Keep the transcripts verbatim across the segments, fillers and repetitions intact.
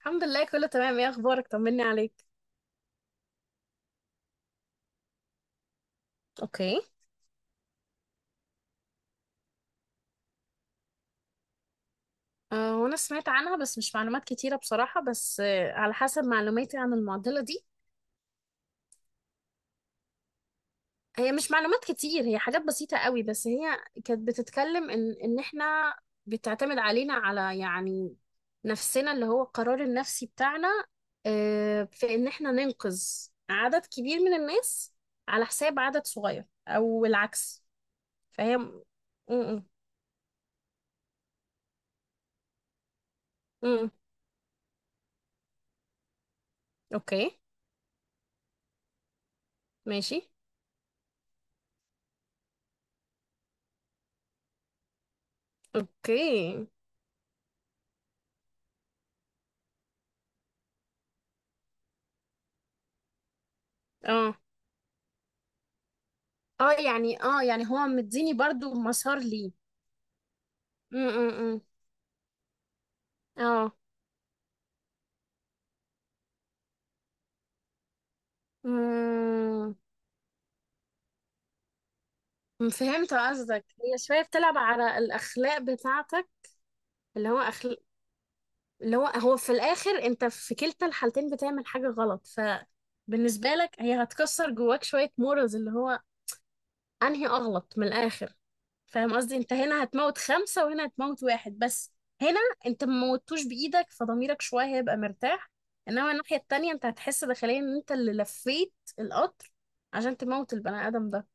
الحمد لله كله تمام. ايه اخبارك؟ طمني عليك. اوكي. أه وانا سمعت عنها بس مش معلومات كتيرة بصراحة، بس أه على حسب معلوماتي عن المعضلة دي. هي مش معلومات كتير، هي حاجات بسيطة قوي، بس هي كانت بتتكلم ان ان احنا بتعتمد علينا، على يعني نفسنا، اللي هو القرار النفسي بتاعنا. أه في ان احنا ننقذ عدد كبير من الناس على حساب عدد صغير او العكس. فهي. م- م- م- م. اوكي ماشي. اوكي. اه اه يعني اه يعني هو مديني برضو مسار ليه. م- م- م. اه امم فهمت قصدك، هي شوية بتلعب على الأخلاق بتاعتك. اللي هو أخل... اللي هو هو في الآخر، أنت في كلتا الحالتين بتعمل حاجة غلط، فبالنسبة لك هي هتكسر جواك شوية مورالز، اللي هو أنهي أغلط من الآخر. فاهم قصدي؟ انت هنا هتموت خمسة وهنا هتموت واحد بس. هنا انت ما موتوش بإيدك، فضميرك شوية هيبقى مرتاح. انما الناحية التانية انت هتحس داخليا ان انت اللي لفيت القطر عشان تموت البني آدم ده.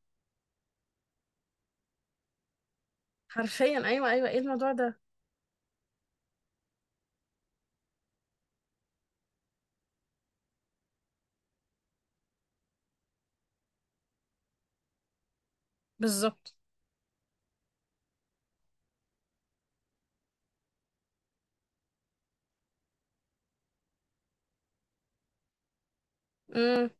حرفيا، ايوه، ايوه، ايه الموضوع ده؟ بالظبط. امم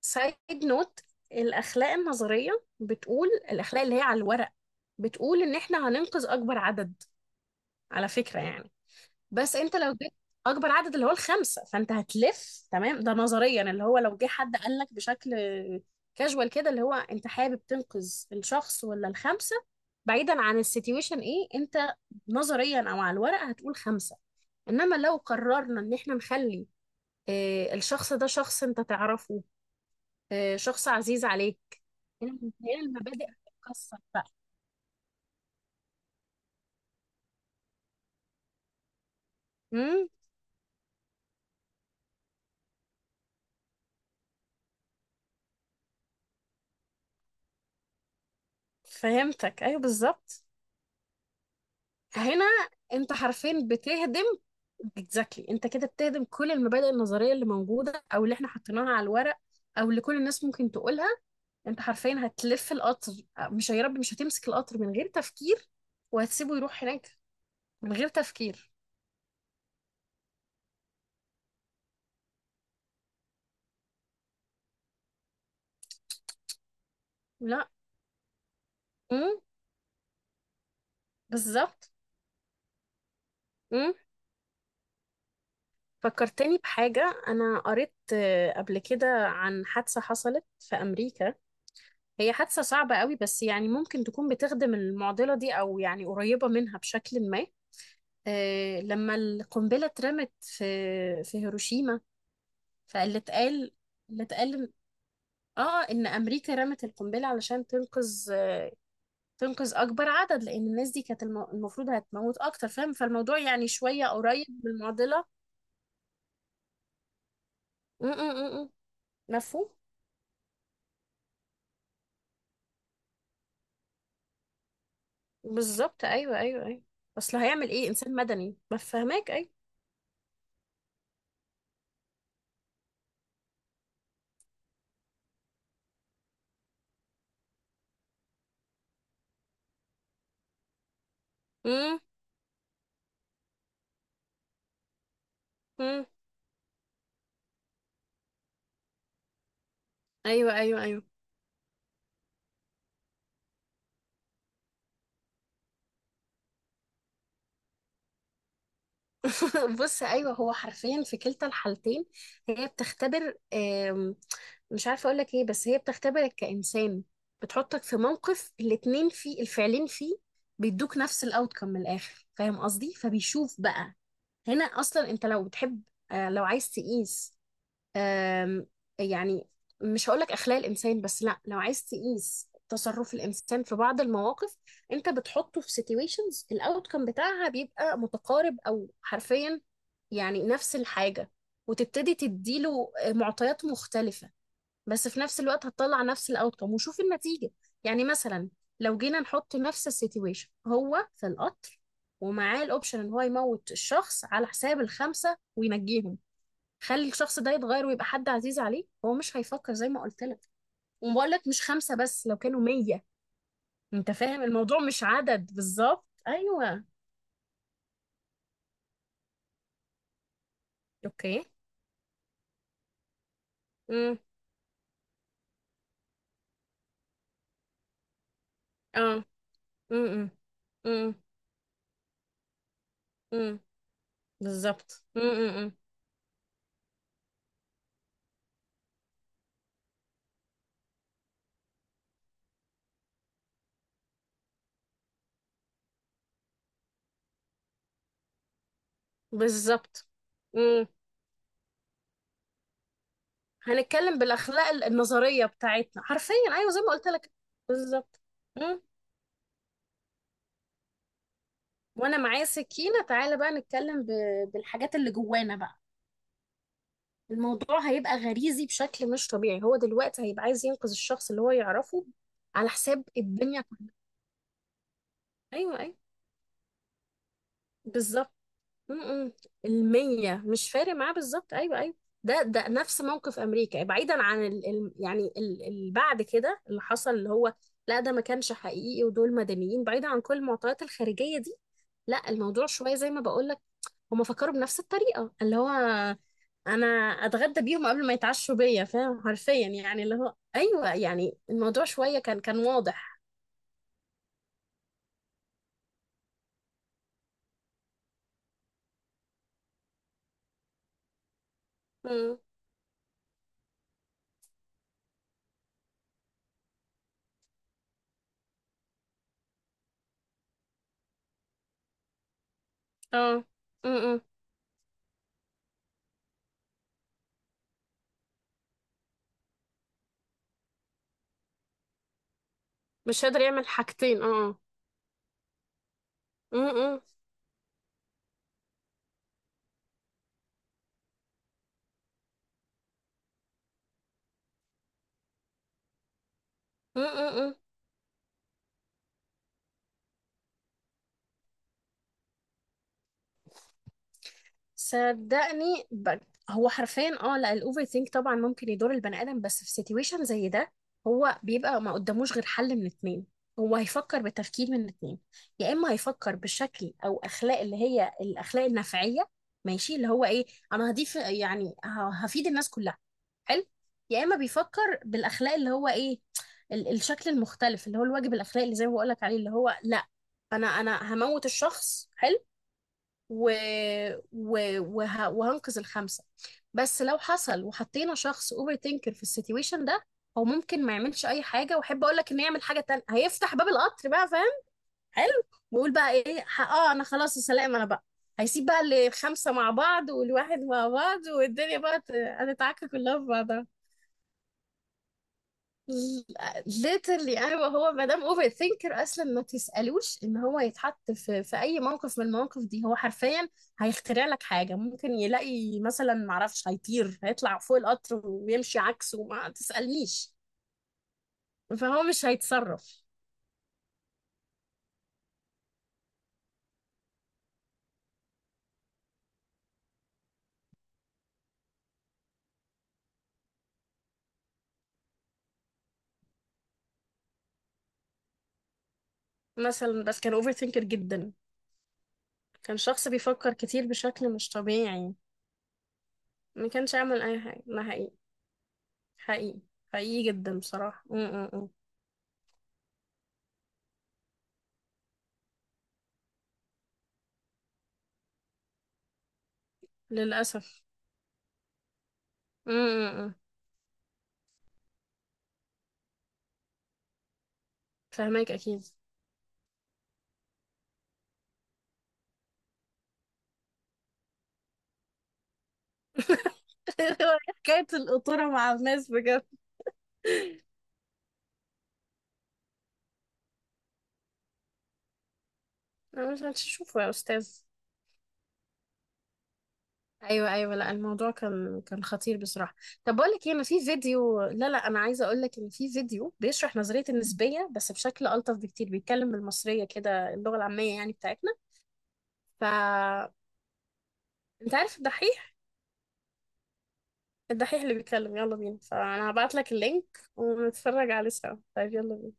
سايد نوت. الأخلاق النظرية بتقول، الأخلاق اللي هي على الورق، بتقول ان احنا هننقذ اكبر عدد على فكرة يعني. بس انت لو جبت اكبر عدد اللي هو الخمسه، فانت هتلف. تمام. ده نظريا. اللي هو لو جه حد قال لك بشكل كاجوال كده، اللي هو انت حابب تنقذ الشخص ولا الخمسه؟ بعيدا عن السيتويشن، ايه انت نظريا او على الورق هتقول خمسه. انما لو قررنا ان احنا نخلي آه، الشخص ده شخص انت تعرفه، آه، شخص عزيز عليك. هنا هنا المبادئ هتتكسر بقى. امم فهمتك، ايوه، بالظبط. هنا انت حرفيا بتهدم. اكزاكتلي، انت كده بتهدم كل المبادئ النظريه اللي موجوده او اللي احنا حطيناها على الورق، او اللي كل الناس ممكن تقولها. انت حرفيا هتلف القطر. مش يا رب مش هتمسك القطر من غير تفكير وهتسيبه يروح هناك من غير تفكير. لا. امم بالظبط. امم فكرتني بحاجه، انا قريت آه، قبل كده عن حادثه حصلت في امريكا. هي حادثه صعبه قوي بس يعني ممكن تكون بتخدم المعضله دي، او يعني قريبه منها بشكل ما. آه، لما القنبلة اترمت في في هيروشيما. فاللي اتقال اللي اتقال اه ان امريكا رمت القنبلة علشان تنقذ. تنقذ اكبر عدد لان الناس دي كانت الم- المفروض هتموت اكتر. فاهم؟ فالموضوع يعني شوية قريب من المعضلة. م- م- م- م. مفهوم بالظبط، ايوه، ايوه، ايوه. اصل هيعمل ايه انسان مدني؟ بفهمك ايوه. م- م. ايوه ايوه، ايوه. بص، ايوه هو حرفيا في كلتا الحالتين هي بتختبر، آم، مش عارفه اقول لك ايه، بس هي بتختبرك كانسان، بتحطك في موقف الاتنين فيه، الفعلين فيه بيدوك نفس الاوتكم من الاخر. فاهم قصدي؟ فبيشوف بقى هنا اصلا. انت لو بتحب، آه، لو عايز تقيس، آم، يعني مش هقولك أخلاق الإنسان، بس لا، لو عايز تقيس تصرف الإنسان في بعض المواقف، أنت بتحطه في situations الأوتكم بتاعها بيبقى متقارب أو حرفيا يعني نفس الحاجة. وتبتدي تديله معطيات مختلفة، بس في نفس الوقت هتطلع نفس الأوتكم وشوف النتيجة. يعني مثلا، لو جينا نحط نفس السيتويشن هو في القطر ومعاه الأوبشن إن هو يموت الشخص على حساب الخمسة وينجيهم. خلي الشخص ده يتغير ويبقى حد عزيز عليه، هو مش هيفكر زي ما قلت لك. وبقول لك مش خمسة، بس لو كانوا مية. انت فاهم الموضوع مش عدد؟ بالظبط، ايوه. اوكي. امم اه. امم امم امم بالظبط. امم بالظبط. امم هنتكلم بالاخلاق ال- النظريه بتاعتنا حرفيا، ايوه زي ما قلت لك. بالظبط. امم وانا معايا سكينه، تعالى بقى نتكلم ب... بالحاجات اللي جوانا بقى. الموضوع هيبقى غريزي بشكل مش طبيعي. هو دلوقتي هيبقى عايز ينقذ الشخص اللي هو يعرفه، على حساب الدنيا كلها. ايوه، ايوه، بالظبط. م-م. المية مش فارق معاه، بالظبط، ايوه، ايوه. ده ده نفس موقف امريكا بعيدا عن ال ال يعني اللي بعد كده اللي حصل، اللي هو لا، ده ما كانش حقيقي ودول مدنيين بعيدا عن كل المعطيات الخارجية دي. لا الموضوع شوية زي ما بقول لك، هم فكروا بنفس الطريقة، اللي هو انا اتغدى بيهم قبل ما يتعشوا بيا، فاهم؟ حرفيا يعني، اللي هو ايوه يعني الموضوع شويه كان كان واضح. امم اه. امم مش قادر يعمل حاجتين، اه. امم صدقني، ب... هو حرفيا اه لا، الاوفر ثينك طبعا ممكن يضر البني ادم، بس في سيتويشن زي ده، هو بيبقى ما قداموش غير حل من اتنين. هو هيفكر بالتفكير من اتنين، يا اما هيفكر بشكل او اخلاق اللي هي الاخلاق النفعيه، ماشي، اللي هو ايه، انا هضيف يعني ه- هفيد الناس كلها. حلو. يا اما بيفكر بالاخلاق اللي هو ايه ال... الشكل المختلف، اللي هو الواجب الاخلاقي، اللي زي ما بقول لك عليه، اللي هو لا، انا انا هموت الشخص، حلو. و... و... وه... وهنقذ الخمسة. بس لو حصل وحطينا شخص اوفر ثينكر في السيتويشن ده، هو ممكن ما يعملش اي حاجة. واحب اقول لك انه يعمل حاجة تانية، هيفتح باب القطر بقى، فاهم؟ حلو. ويقول بقى ايه، ح- اه انا خلاص يا سلام انا بقى. هيسيب بقى الخمسة مع بعض والواحد مع بعض، والدنيا بقى ت- هتتعكك كلها في بعضها. literally ايوه، هو ما دام اوفر ثينكر اصلا ما تسالوش ان هو يتحط في في اي موقف من المواقف دي، هو حرفيا هيخترع لك حاجه، ممكن يلاقي مثلا ما اعرفش، هيطير، هيطلع فوق القطر ويمشي عكسه، ما تسالنيش. فهو مش هيتصرف. مثلا بس كان اوفر ثينكر جدا، كان شخص بيفكر كتير بشكل مش طبيعي، ما كانش يعمل اي حاجه. ده حقيقي. حقيقي. حقيقي جدا بصراحه. م -م -م. للاسف م -م -م. فهماك اكيد. هو حكاية القطورة مع الناس بجد. أنا مش هتشوفه يا أستاذ. أيوة، أيوة، لا الموضوع كان كان خطير بصراحة. طب بقول لك إيه، أنا في فيديو، لا لا أنا عايزة أقول لك إن في فيديو بيشرح نظرية النسبية بس بشكل ألطف بكتير، بيتكلم بالمصرية كده، اللغة العامية يعني بتاعتنا. ف أنت عارف الدحيح؟ الدحيح اللي بيتكلم يلا بينا، فأنا هبعت لك اللينك ونتفرج عليه سوا. طيب يلا بينا.